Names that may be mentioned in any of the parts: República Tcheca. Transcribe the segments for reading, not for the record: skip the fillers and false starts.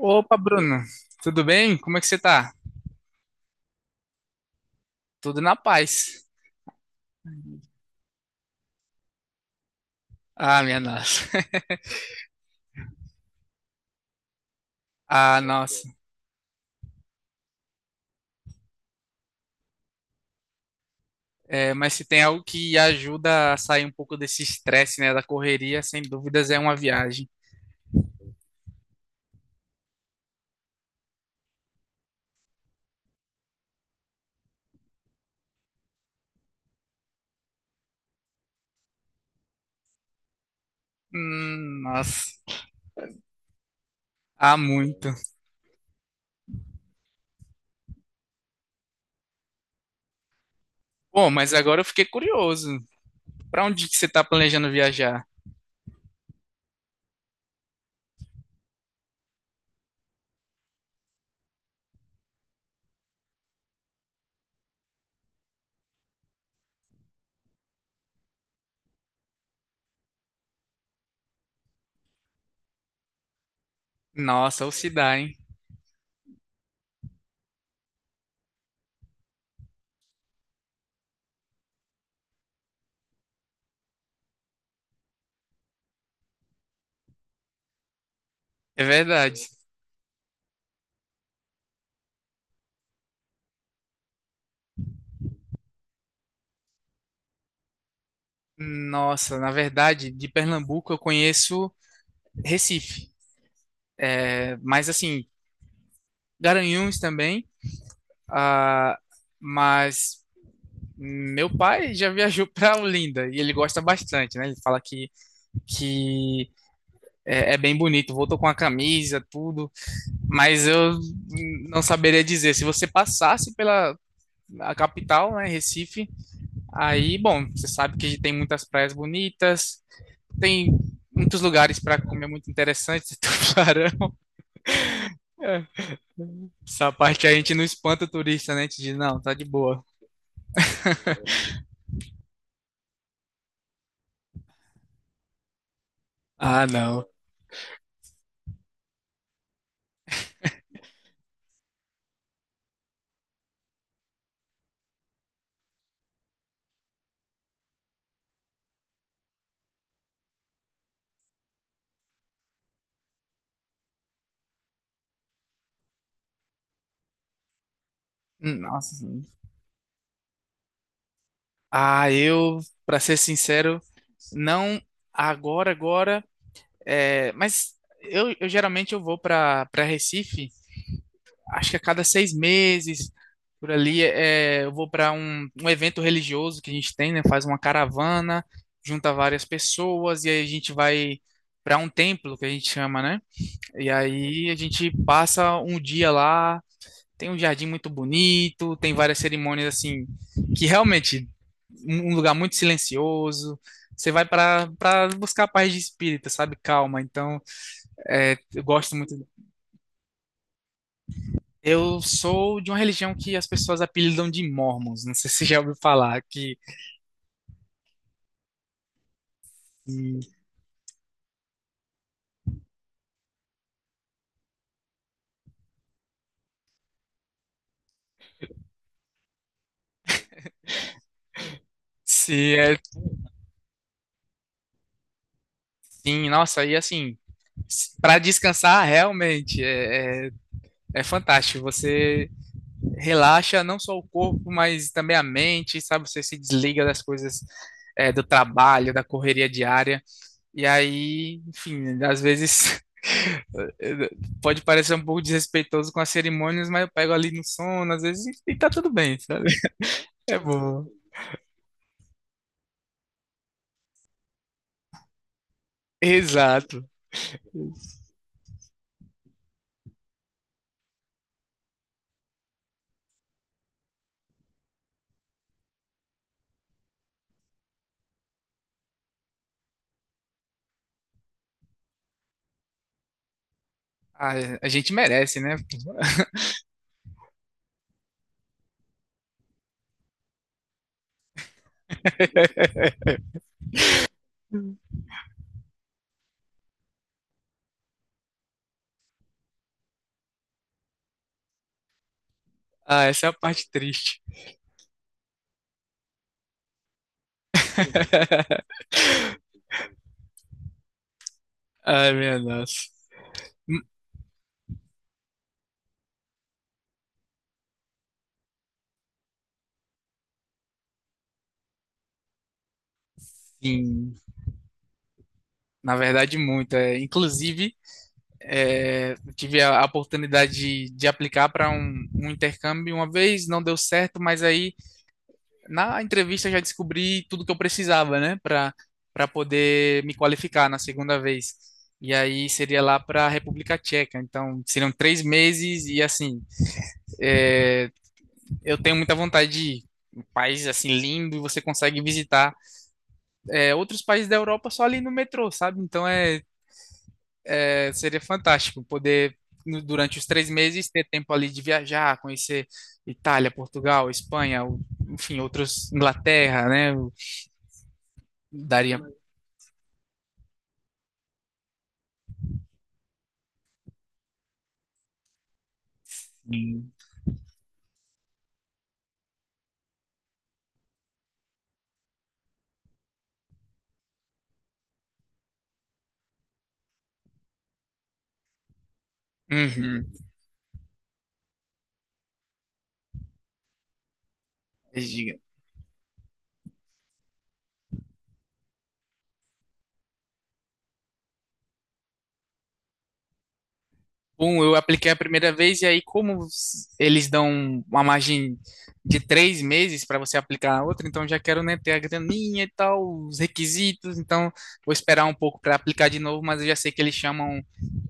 Opa, Bruno, tudo bem? Como é que você tá? Tudo na paz. Ah, minha nossa. Ah, nossa. É, mas se tem algo que ajuda a sair um pouco desse estresse, né, da correria, sem dúvidas é uma viagem. Nossa. Ah, muito. Bom, mas agora eu fiquei curioso. Pra onde que você tá planejando viajar? Nossa, ou se dá, hein? É verdade. Nossa, na verdade, de Pernambuco eu conheço Recife. É, mas assim, Garanhuns também. Ah, mas Meu pai já viajou para Olinda e ele gosta bastante, né? Ele fala que, que é bem bonito, voltou com a camisa, tudo, mas eu não saberia dizer. Se você passasse pela a capital, né, Recife, aí, bom, você sabe que tem muitas praias bonitas, tem muitos lugares para comer muito interessantes, tubarão. É. Essa parte a gente não espanta o turista, né? A gente diz, não, tá de boa. Ah, não. Nossa. Ah, eu, para ser sincero, não agora, agora, mas eu, geralmente eu vou para Recife, acho que a cada 6 meses, por ali, eu vou para um, evento religioso que a gente tem, né? Faz uma caravana, junta várias pessoas e aí a gente vai para um templo que a gente chama, né? E aí a gente passa um dia lá, tem um jardim muito bonito, tem várias cerimônias assim que realmente um lugar muito silencioso. Você vai para buscar paz de espírito, sabe? Calma. Então, eu gosto muito. Eu sou de uma religião que as pessoas apelidam de Mormons. Não sei se você já ouviu falar que se é Sim. Nossa, e assim, para descansar realmente é fantástico. Você relaxa não só o corpo, mas também a mente, sabe? Você se desliga das coisas, do trabalho, da correria diária. E aí, enfim, às vezes pode parecer um pouco desrespeitoso com as cerimônias, mas eu pego ali no sono, às vezes, e tá tudo bem, sabe? É bom. Exato. Ah, a gente merece, né? Ah, essa é a parte triste. Ai, minha nossa. Hum. Sim, na verdade, muito. É, inclusive. É, tive a, oportunidade de, aplicar para um, intercâmbio uma vez, não deu certo, mas aí na entrevista já descobri tudo que eu precisava, né, para poder me qualificar na segunda vez. E aí seria lá para a República Tcheca. Então seriam 3 meses e assim, é, eu tenho muita vontade de ir. Um país assim lindo e você consegue visitar outros países da Europa só ali no metrô, sabe? Então seria fantástico poder, durante os 3 meses, ter tempo ali de viajar, conhecer Itália, Portugal, Espanha, enfim, outros, Inglaterra, né? Eu daria. Sim. Uhum. Eu apliquei a primeira vez, e aí, como eles dão uma margem de 3 meses para você aplicar a outra, então já quero, né, ter a graninha e tal, os requisitos, então vou esperar um pouco para aplicar de novo, mas eu já sei que eles chamam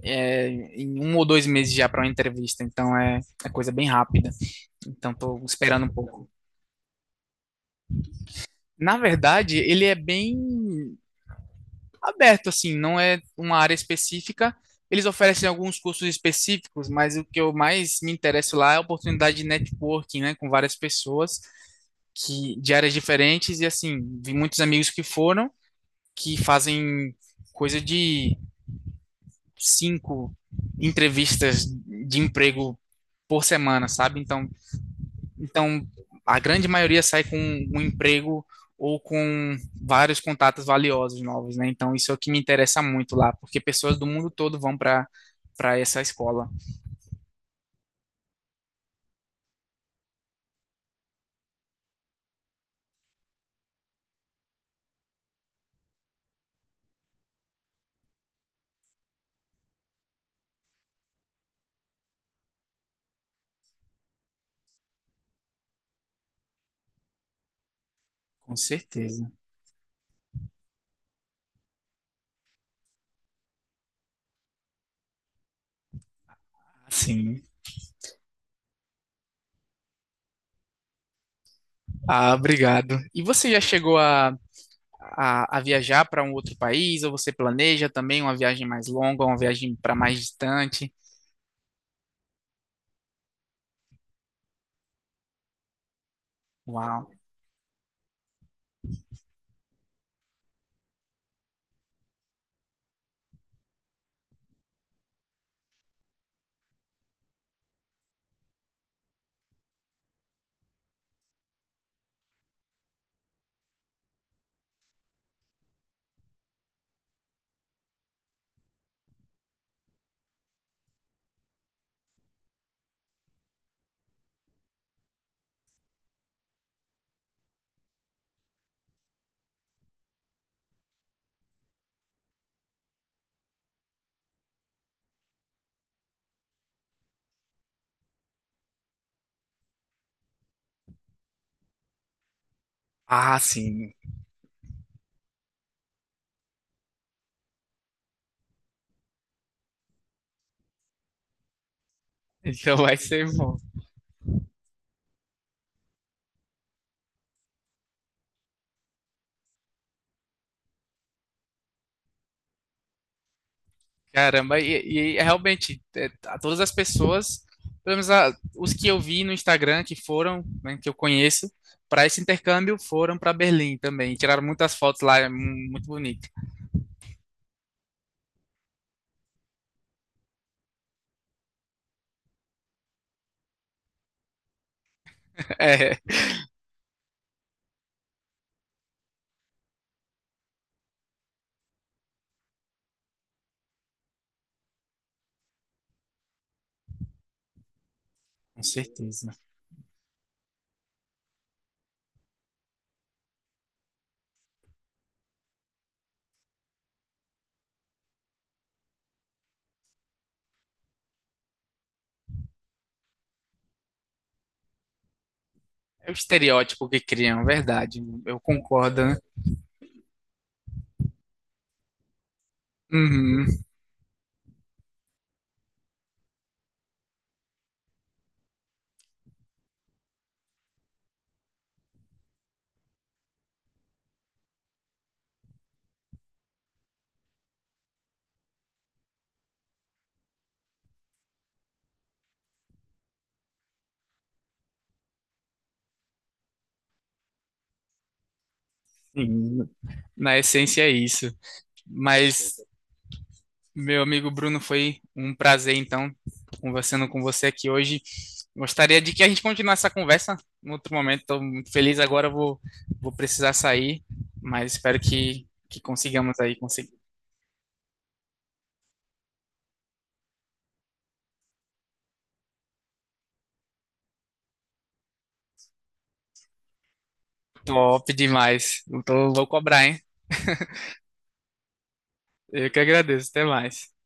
é, em 1 ou 2 meses já para uma entrevista, então é coisa bem rápida. Então, estou esperando um pouco. Na verdade, ele é bem aberto, assim, não é uma área específica. Eles oferecem alguns cursos específicos, mas o que eu mais me interesso lá é a oportunidade de networking, né, com várias pessoas que de áreas diferentes e assim, vi muitos amigos que foram que fazem coisa de cinco entrevistas de emprego por semana, sabe? Então, então, a grande maioria sai com um emprego ou com vários contatos valiosos novos, né? Então, isso é o que me interessa muito lá, porque pessoas do mundo todo vão para essa escola. Com certeza. Sim. Ah, obrigado. E você já chegou a, a viajar para um outro país? Ou você planeja também uma viagem mais longa, uma viagem para mais distante? Uau. Ah, sim. Então vai ser bom. Caramba, e, é realmente, a todas as pessoas, pelo menos os que eu vi no Instagram, que foram, né, que eu conheço, para esse intercâmbio, foram para Berlim também. Tiraram muitas fotos lá, é muito bonito. É, com certeza. É o estereótipo que criam, verdade. Eu concordo, né? Uhum, sim, na essência é isso. Mas Meu amigo Bruno, foi um prazer, então, conversando com você aqui hoje. Gostaria de que a gente continuasse essa conversa em outro momento. Estou muito feliz agora, vou, precisar sair, mas espero que, consigamos aí. Consiga. Top demais. Então, vou cobrar, hein? Eu que agradeço. Até mais.